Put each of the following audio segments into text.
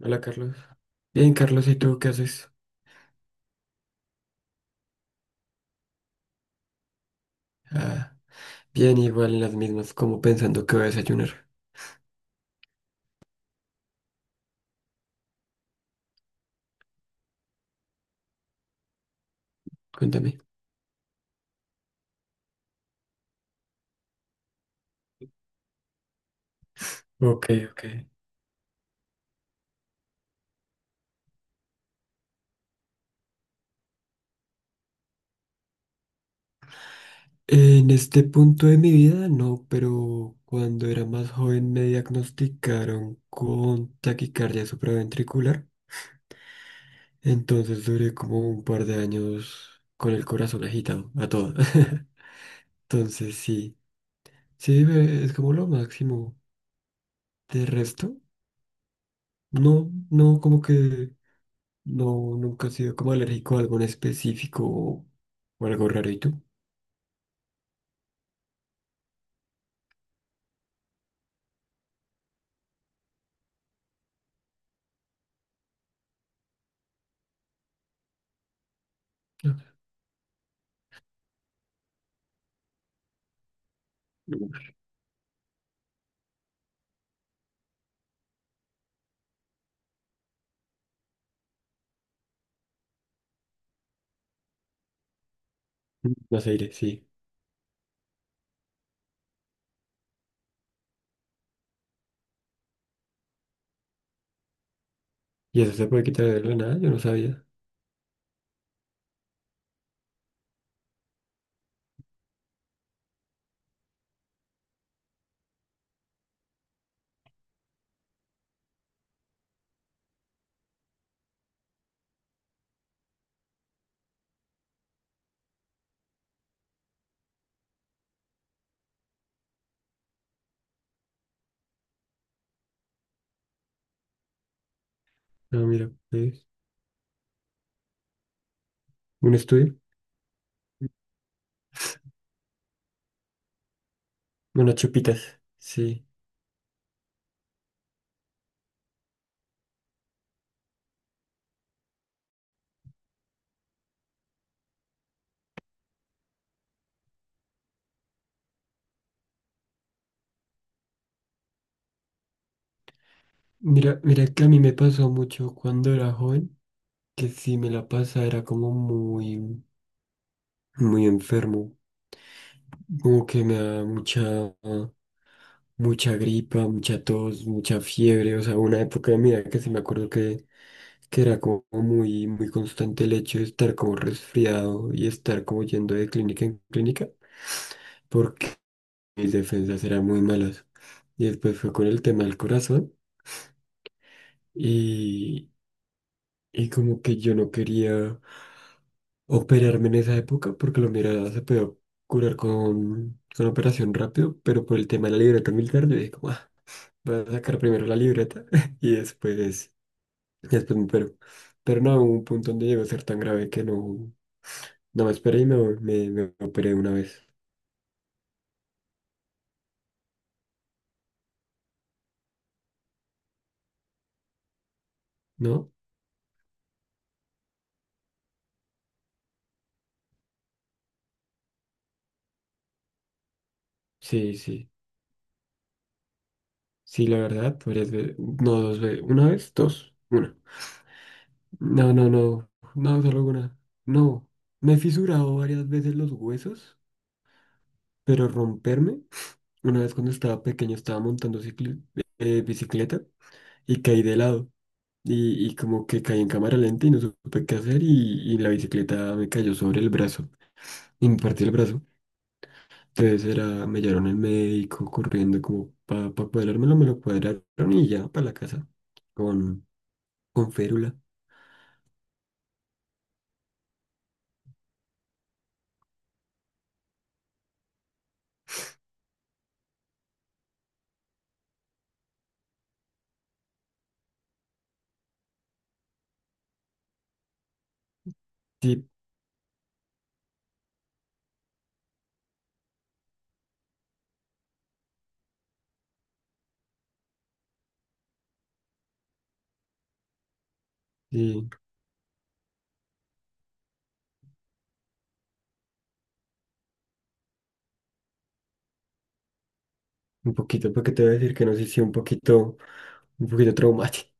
Hola Carlos. Bien, Carlos, ¿y tú qué haces? Ah, bien, igual en las mismas, como pensando que voy a desayunar. Cuéntame. Ok, ok. En este punto de mi vida, no, pero cuando era más joven me diagnosticaron con taquicardia supraventricular. Entonces duré como un par de años con el corazón agitado, a todo. Entonces sí, sí, es como lo máximo. De resto, no, no, como que no, nunca he sido como alérgico a algo en específico o algo raro. ¿Y tú? No. Más aire, sí. ¿Y eso se puede quitar de la nada? Yo no sabía. Ah, mira, pues, un estudio. Unas chupitas, sí. Mira, mira que a mí me pasó mucho cuando era joven, que si me la pasa era como muy, muy enfermo. Como que me da mucha, mucha gripa, mucha tos, mucha fiebre. O sea, una época de mi vida que sí me acuerdo que era como muy, muy constante el hecho de estar como resfriado y estar como yendo de clínica en clínica, porque mis defensas eran muy malas. Y después fue con el tema del corazón y, y como que yo no quería operarme en esa época porque lo mira se podía curar con operación rápido, pero por el tema de la libreta militar yo dije como, ah, voy a sacar primero la libreta y después, después me opero. Pero no, hubo un punto donde llegó a ser tan grave que no. No me esperé y me operé una vez, ¿no? Sí, sí. Sí, la verdad, varias veces. No, dos veces. ¿Una vez? Dos. Una. No, no, no. No, solo una. No. Me he fisurado varias veces los huesos, pero romperme. Una vez cuando estaba pequeño estaba montando bicicleta y caí de lado. Y como que caí en cámara lenta y no supe qué hacer y la bicicleta me cayó sobre el brazo. Y me partí el brazo. Entonces era, me llevaron el médico corriendo como para pa cuadrármelo, me lo cuadraron y ya para la casa con, con férula. Sí, sí, un poquito, porque te voy a decir que no sé si un poquito, un poquito traumático,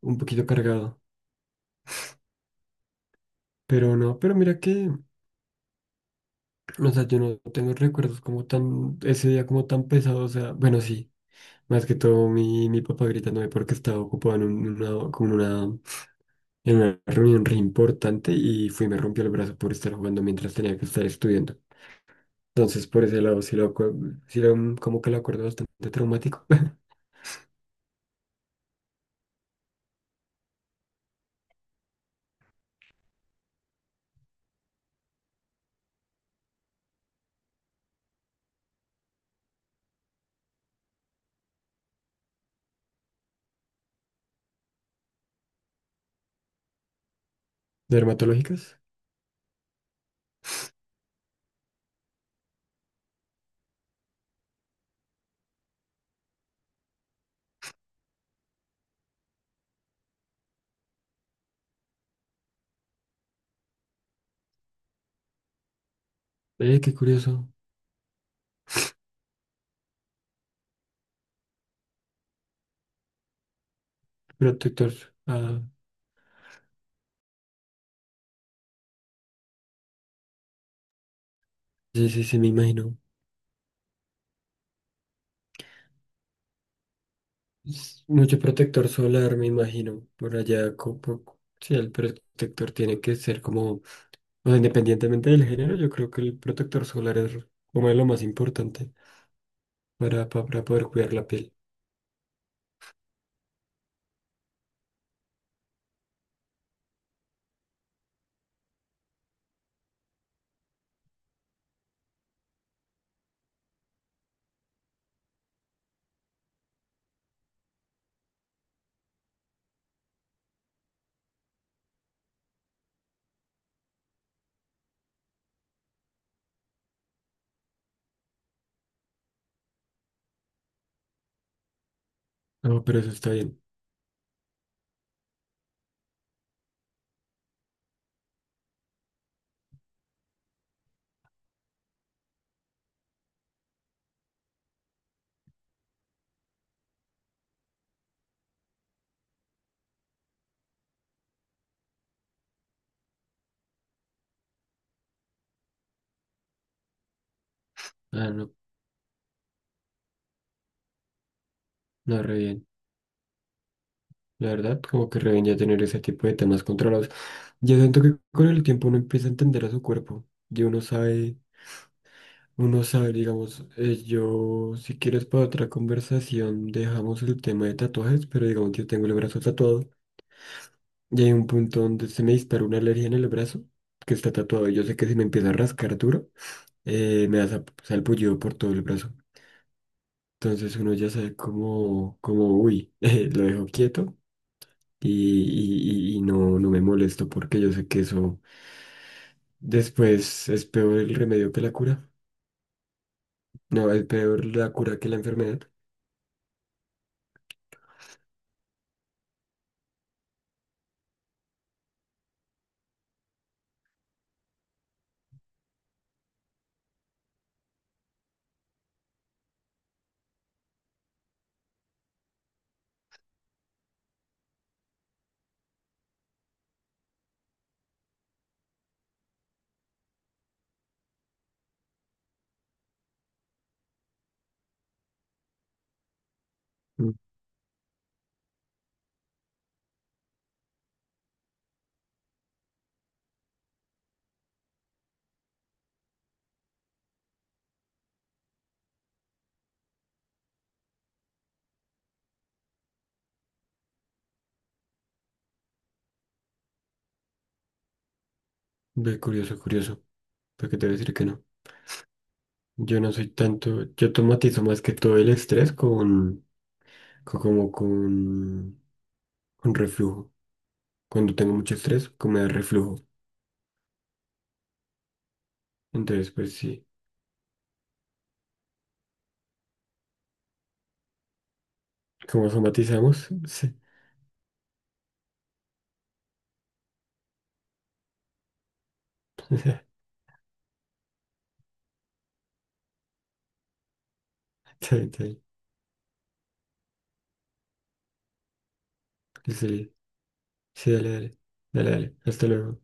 un poquito cargado. Pero no, pero mira que, o sea, yo no tengo recuerdos como tan, ese día como tan pesado, o sea, bueno, sí, más que todo mi, mi papá gritándome porque estaba ocupado en una, como en una reunión re importante y fui y me rompió el brazo por estar jugando mientras tenía que estar estudiando. Entonces, por ese lado, sí lo, como que lo acuerdo bastante traumático. Dermatológicas. Qué curioso. Protector. Ah, sí, sí, sí, me imagino. Es mucho protector solar, me imagino. Por allá, sí, el protector tiene que ser como, o sea, independientemente del género, yo creo que el protector solar es como lo más importante para, para poder cuidar la piel. No, pero eso está bien. Ah, no, no, re bien. La verdad, como que revenía tener ese tipo de temas controlados. Yo siento que con el tiempo uno empieza a entender a su cuerpo. Y uno sabe, digamos, yo, si quieres para otra conversación, dejamos el tema de tatuajes, pero digamos, yo tengo el brazo tatuado. Y hay un punto donde se me dispara una alergia en el brazo, que está tatuado. Y yo sé que si me empieza a rascar duro, me da salpullido por todo el brazo. Entonces uno ya sabe como, como, uy, lo dejo quieto y, y no, no me molesto porque yo sé que eso después es peor el remedio que la cura. No, es peor la cura que la enfermedad. Mm, ve, curioso, curioso. Porque te voy a decir que no. Yo no soy tanto, yo tomatizo más que todo el estrés con, como con reflujo. Cuando tengo mucho estrés, como me da reflujo. Entonces, pues sí, como somatizamos, sí. Está bien, está bien. Sí, sí, dale, dale. Dale, dale. Hasta luego.